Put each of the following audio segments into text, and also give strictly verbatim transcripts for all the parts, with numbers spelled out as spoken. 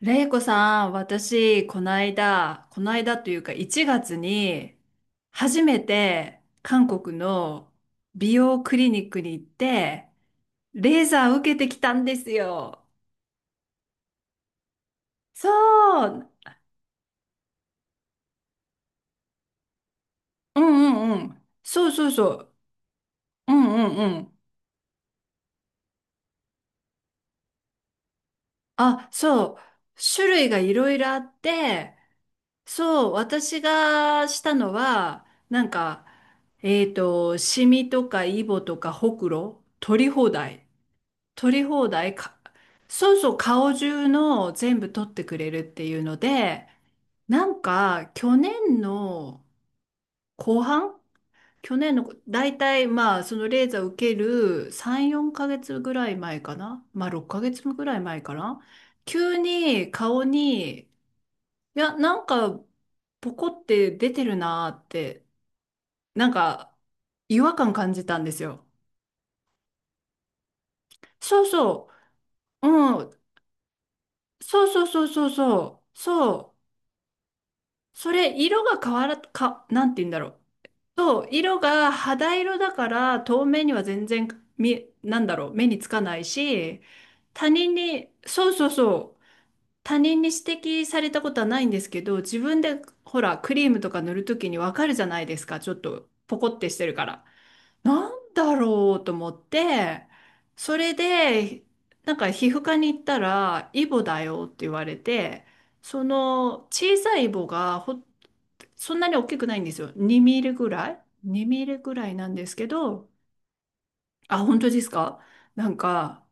れいこさん、私、この間、この間というかいちがつに、初めて韓国の美容クリニックに行って、レーザー受けてきたんですよ。そう、うんうんうん。そうそうそう。うんうんうん。あ、そう。種類がいろいろあって、そう、私がしたのは、なんか、えっと、シミとかイボとかほくろ、取り放題。取り放題か、そうそう、顔中の全部取ってくれるっていうので、なんか去年の後半、去年の大体まあそのレーザー受けるさん、よんかげつぐらい前かな、まあろっかげつぐらい前かな、急に顔に、いや、なんかポコって出てるなーって、なんか違和感感じたんですよ。そうそう、うん、そうそうそうそうそう、そう。それ、色が変わら、か、なんて言うんだろう。そう、色が肌色だから透明には全然見、なんだろう、目につかないし、他人に、そうそうそう、他人に指摘されたことはないんですけど、自分でほら、クリームとか塗るときにわかるじゃないですか、ちょっとポコってしてるから。なんだろうと思って、それで、なんか皮膚科に行ったら、イボだよって言われて、その小さいイボがほ、そんなに大きくないんですよ。にミリぐらい ?に ミリぐらいなんですけど、あ、本当ですか。なんか、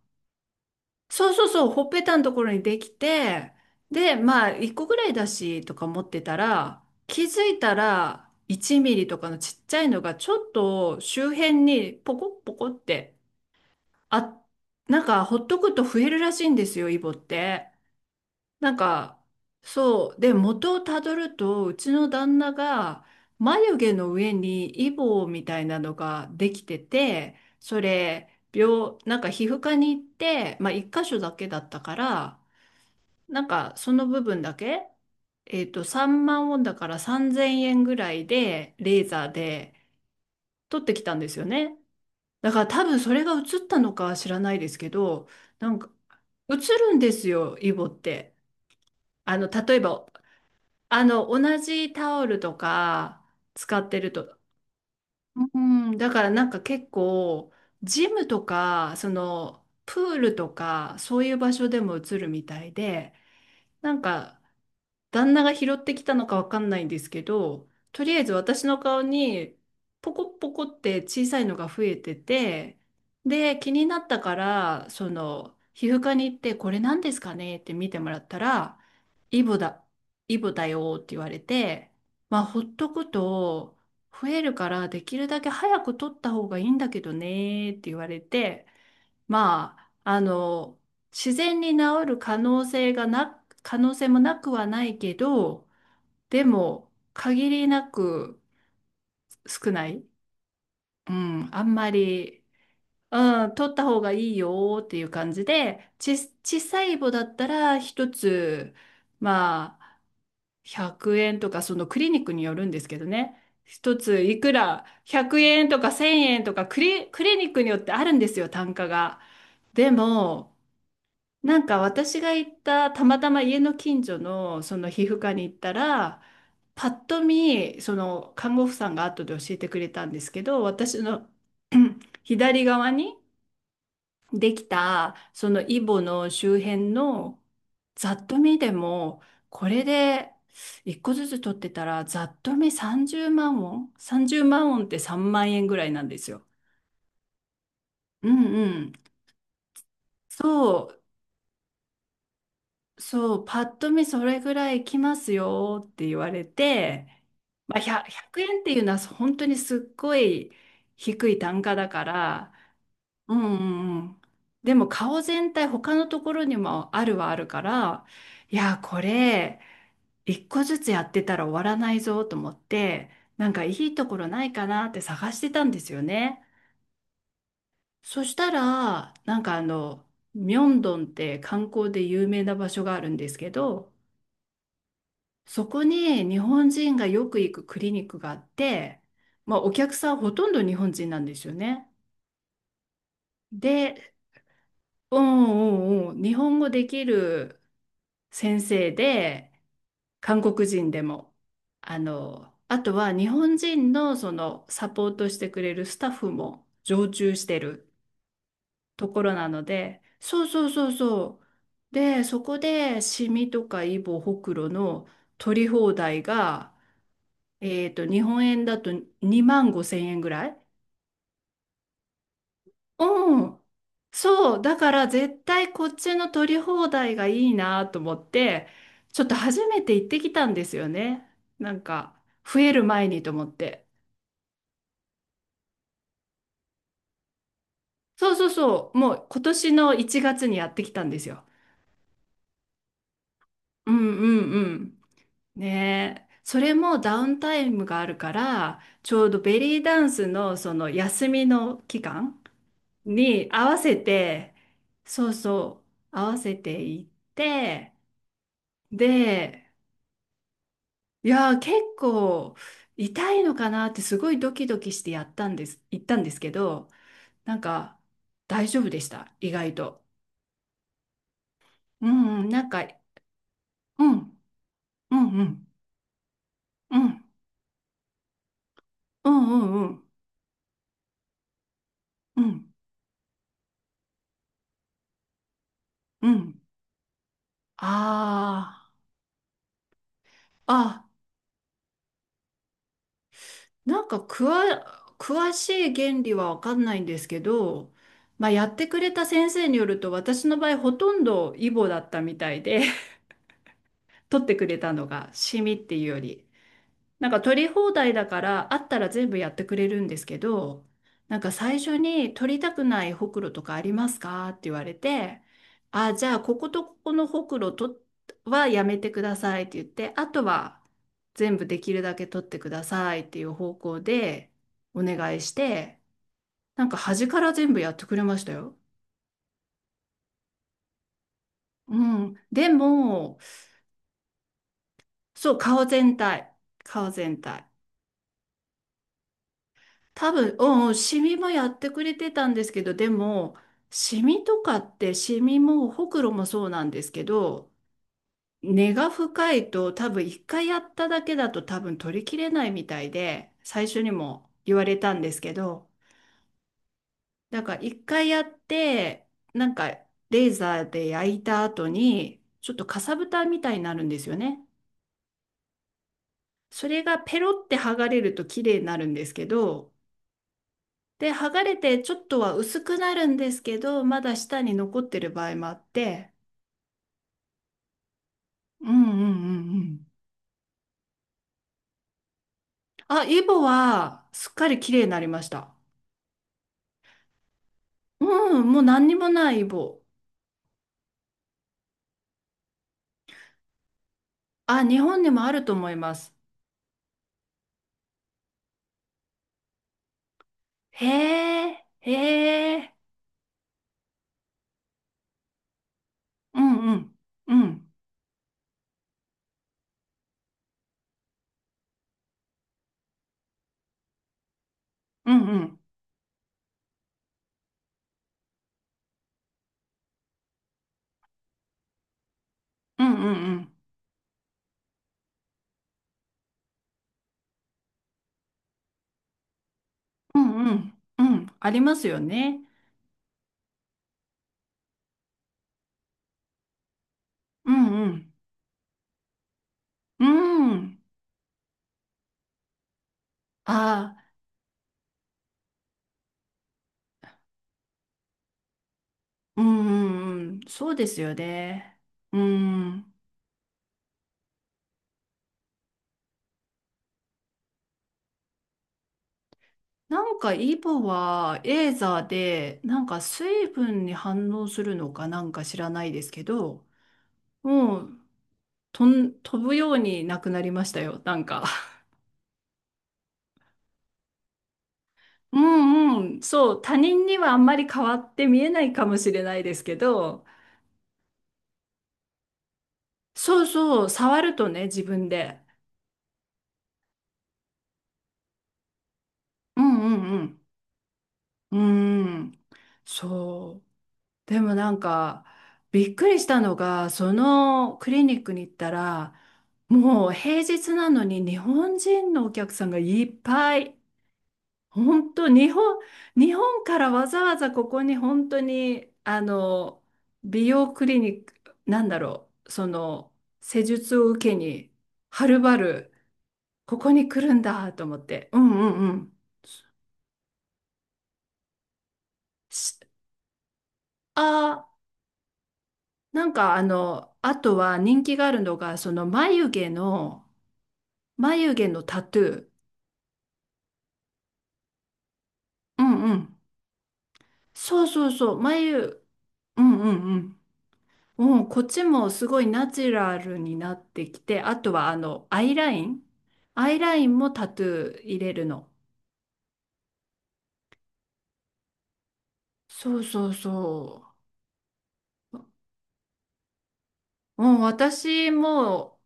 そうそうそう、ほっぺたのところにできて、で、まあ、いっこぐらいだし、とか思ってたら、気づいたら、いちミリとかのちっちゃいのが、ちょっと周辺にポコッポコって、あ、なんか、ほっとくと増えるらしいんですよ、イボって。なんか、そう。で、元をたどると、うちの旦那が、眉毛の上にイボみたいなのができてて、それ、病、なんか皮膚科に行って、まあ、一箇所だけだったから、なんか、その部分だけ、えっと、さんまんウォンだからさんぜんえんぐらいで、レーザーで取ってきたんですよね。だから多分それが映ったのかは知らないですけど、なんか映るんですよ、イボって。あの、例えば、あの、同じタオルとか使ってると。うん、だからなんか結構、ジムとか、その、プールとか、そういう場所でも映るみたいで、なんか、旦那が拾ってきたのかわかんないんですけど、とりあえず私の顔にポコポコって小さいのが増えてて、で、気になったから、その、皮膚科に行って、これ何ですかねって見てもらったら、イボだ、イボだよって言われて、まあ、ほっとくと増えるから、できるだけ早く取った方がいいんだけどねって言われて、まあ、あの、自然に治る可能性がな、可能性もなくはないけど、でも、限りなく少ない。うん、あんまり、うん、取った方がいいよーっていう感じで、ち、小さい棒だったら一つ、まあ、ひゃくえんとか、そのクリニックによるんですけどね。一ついくらひゃくえんとかせんえんとかクリ、クリニックによってあるんですよ、単価が。でも、なんか私が行ったたまたま家の近所のその皮膚科に行ったら、パッと見その看護婦さんが後で教えてくれたんですけど、私の 左側にできたそのイボの周辺の、ざっと見でもこれで一個ずつ取ってたらざっと見さんじゅうまんウォン、30万ウォンってさんまん円ぐらいなんですよ。うんうん。そうそう、パッと見それぐらいきますよって言われて、まあ、ひゃく、円っていうのは本当にすっごい低い単価だから、うんうんうん。でも顔全体他のところにもあるはあるから、いや、これ一個ずつやってたら終わらないぞと思って、なんかいいところないかなって探してたんですよね。そしたら、なんかあの、ミョンドンって観光で有名な場所があるんですけど、そこに日本人がよく行くクリニックがあって、まあ、お客さんほとんど日本人なんですよね。で、うんうんうん、日本語できる先生で、韓国人でも、あの、あとは日本人のそのサポートしてくれるスタッフも常駐してるところなので、そうそうそうそう。で、そこでシミとかイボ、ホクロの取り放題が、えっと、日本円だとにまんごせん円ぐらい。うん。そう。だから絶対こっちの取り放題がいいなと思って、ちょっと初めて行ってきたんですよね。なんか、増える前にと思って。そうそうそう。もう今年のいちがつにやってきたんですよ。うんうんうん。ねえ。それもダウンタイムがあるから、ちょうどベリーダンスのその休みの期間に合わせて、そうそう、合わせていって、で、いやー、結構痛いのかなってすごいドキドキしてやったんです、行ったんですけど、なんか大丈夫でした、意外と。うん、うんなんか、うん、うん、うん、うん、うん、うん、うん、うん、うん、あーあ、なんか詳、詳しい原理は分かんないんですけど、まあ、やってくれた先生によると私の場合ほとんどイボだったみたいで 取ってくれたのがシミっていうより。なんか取り放題だからあったら全部やってくれるんですけど、なんか最初に取りたくないほくろとかありますかって言われて、あ、じゃあこことここのほくろとはやめてくださいって言って、あとは全部できるだけ取ってくださいっていう方向でお願いして、なんか端から全部やってくれましたよ。うん。でも、そう、顔全体。顔全体。多分、うんうん、シミもやってくれてたんですけど、でも、シミとかって、シミもほくろもそうなんですけど、根が深いと多分一回やっただけだと多分取りきれないみたいで、最初にも言われたんですけど、だから一回やって、なんかレーザーで焼いた後に、ちょっとかさぶたみたいになるんですよね。それがペロって剥がれると綺麗になるんですけど、で、剥がれてちょっとは薄くなるんですけど、まだ下に残ってる場合もあって、うんうんうんうん。あ、イボはすっかり綺麗になりました。うん、もう何にもないイボ。あ、日本にもあると思います。へえ、へえ、うんうん、うん、うんうん、うんうんうん、うんうん、うんありますよね。うんうん、うん。あ、うんうんうん、そうですよね。うん。なんかイボはエーザーでなんか水分に反応するのかなんか知らないですけど、もうとん飛ぶようになくなりましたよ、なんか。うんうん、そう、他人にはあんまり変わって見えないかもしれないですけど、そうそう、触るとね、自分で。うんうんうん。うん、そう。でもなんか、びっくりしたのが、そのクリニックに行ったら、もう平日なのに日本人のお客さんがいっぱい。本当、日本、日本からわざわざここに本当に、あの、美容クリニック、なんだろう、その、施術を受けに、はるばる、ここに来るんだと思って。うんうんうん。しあー、なんかあの、あとは人気があるのが、その眉毛の、眉毛のタトゥー。うんうん。そうそうそう。眉、うんうんうん。もうん、こっちもすごいナチュラルになってきて、あとはあの、アイライン。アイラインもタトゥー入れるの。そうそうそう。もうん、私も、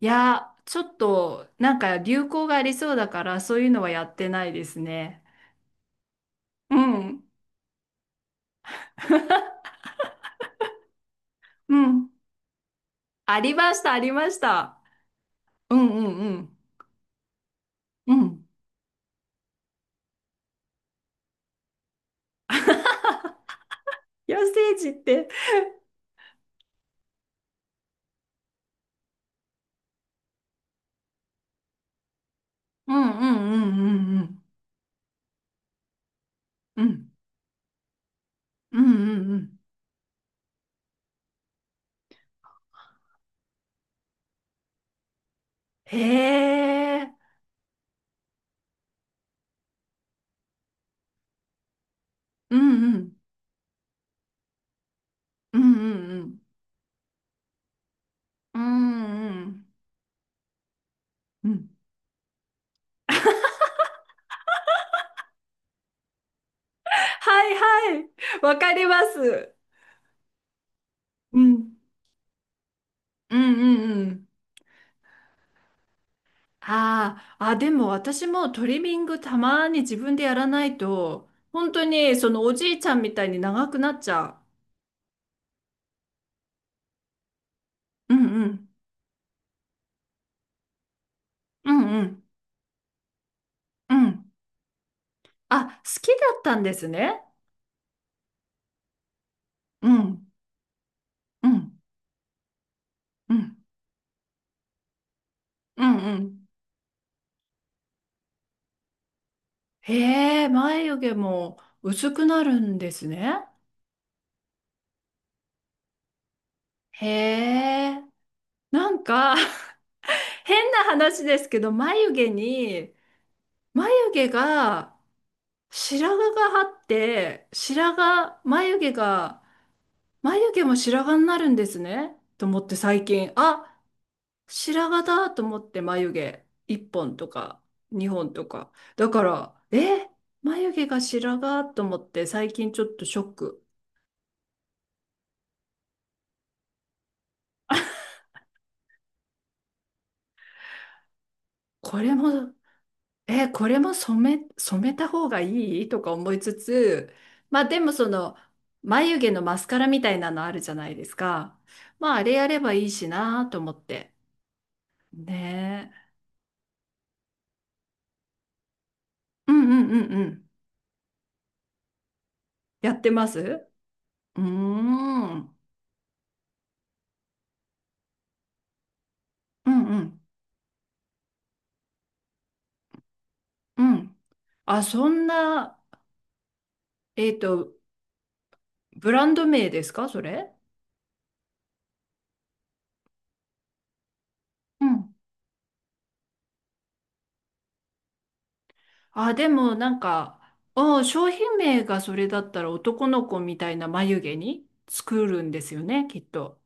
いや、ちょっと、なんか流行がありそうだから、そういうのはやってないですね。うん、うん。ありました、ありました。うんうんうん。うん。野生児って。うんうんうんうんうんうんうんうんうんうん。へえ。うんうんうんうんうんうんうんうんはいはい。わかります。うんうんうん。うん。あー、あ、でも私もトリミングたまに自分でやらないと本当にそのおじいちゃんみたいに長くなっちゃう。うんうんうんうんうん。あ、好きだったんですね。うんうんうんうん。うん。へえ、眉毛も薄くなるんですね。へえ、なんか 変な話ですけど、眉毛に、眉毛が白髪があって、白髪、眉毛が、眉毛も白髪になるんですね。と思って最近、あ、白髪だと思って眉毛いっぽんとかにほんとか。だから、え、眉毛が白髪と思って最近ちょっとショック。これもえーこれも染め、染めた方がいいとか思いつつ、まあでもその眉毛のマスカラみたいなのあるじゃないですか。まああれやればいいしなと思って。ねえ。うんうんうんうん。やってます。うーん。うんうんうん。あ、そんな、えっと、ブランド名ですかそれ。うん。あ、でもなんか、うん、商品名がそれだったら男の子みたいな眉毛に作るんですよね、きっと。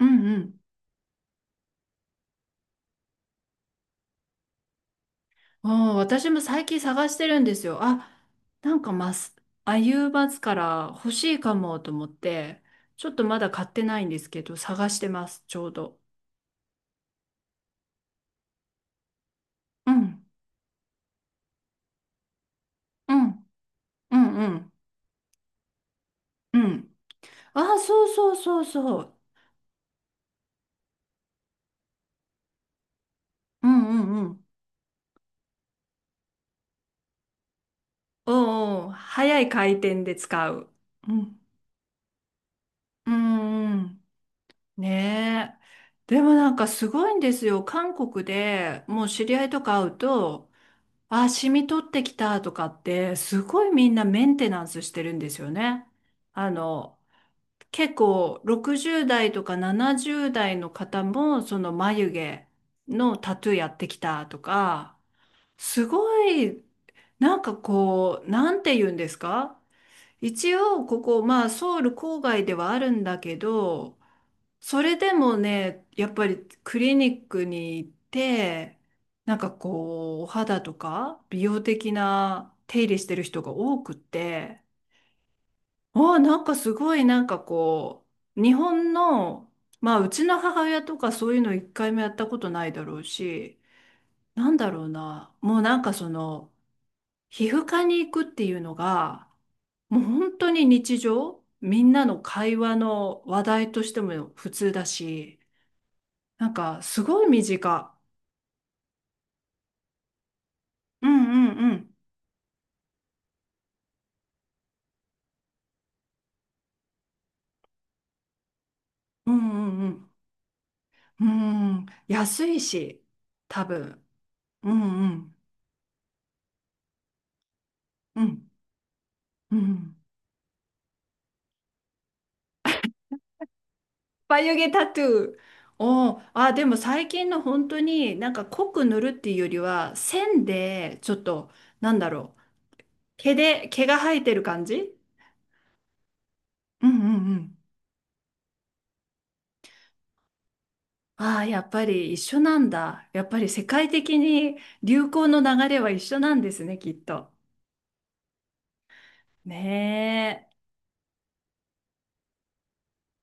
うんうん。ああ、私も最近探してるんですよ。あ、なんかマス、アユーバスから欲しいかもと思って、ちょっとまだ買ってないんですけど、探してます、ちょうど。うん、うん、うん、うん、うん。ああ、そうそうそうそう。うんうんうん。おうおう、早い回転で使う。うん、うんうん。ねえ。でもなんかすごいんですよ。韓国でもう知り合いとか会うと、あ、染み取ってきたとかって、すごいみんなメンテナンスしてるんですよね。あの、結構ろくじゅう代とかななじゅう代の方も、その眉毛のタトゥーやってきたとか、すごい、なんかこう、なんて言うんですか。一応、ここ、まあ、ソウル郊外ではあるんだけど、それでもね、やっぱりクリニックに行って、なんかこう、お肌とか美容的な手入れしてる人が多くって、ああ、なんかすごいなんかこう、日本の、まあうちの母親とかそういうの一回もやったことないだろうし、なんだろうな、もうなんかその、皮膚科に行くっていうのが、もう本当に日常、みんなの会話の話題としても普通だし、なんか、すごい身近。うんうんうん。うんうんうん。うん。安いし、多分。うんうんうん。うん。眉毛タトゥー。おー、あ、でも最近の本当になんか濃く塗るっていうよりは、線で、ちょっと、なんだろう。毛で、毛が生えてる感じ。うんうんうん。ああ、やっぱり一緒なんだ。やっぱり世界的に流行の流れは一緒なんですね、きっと。ねえ。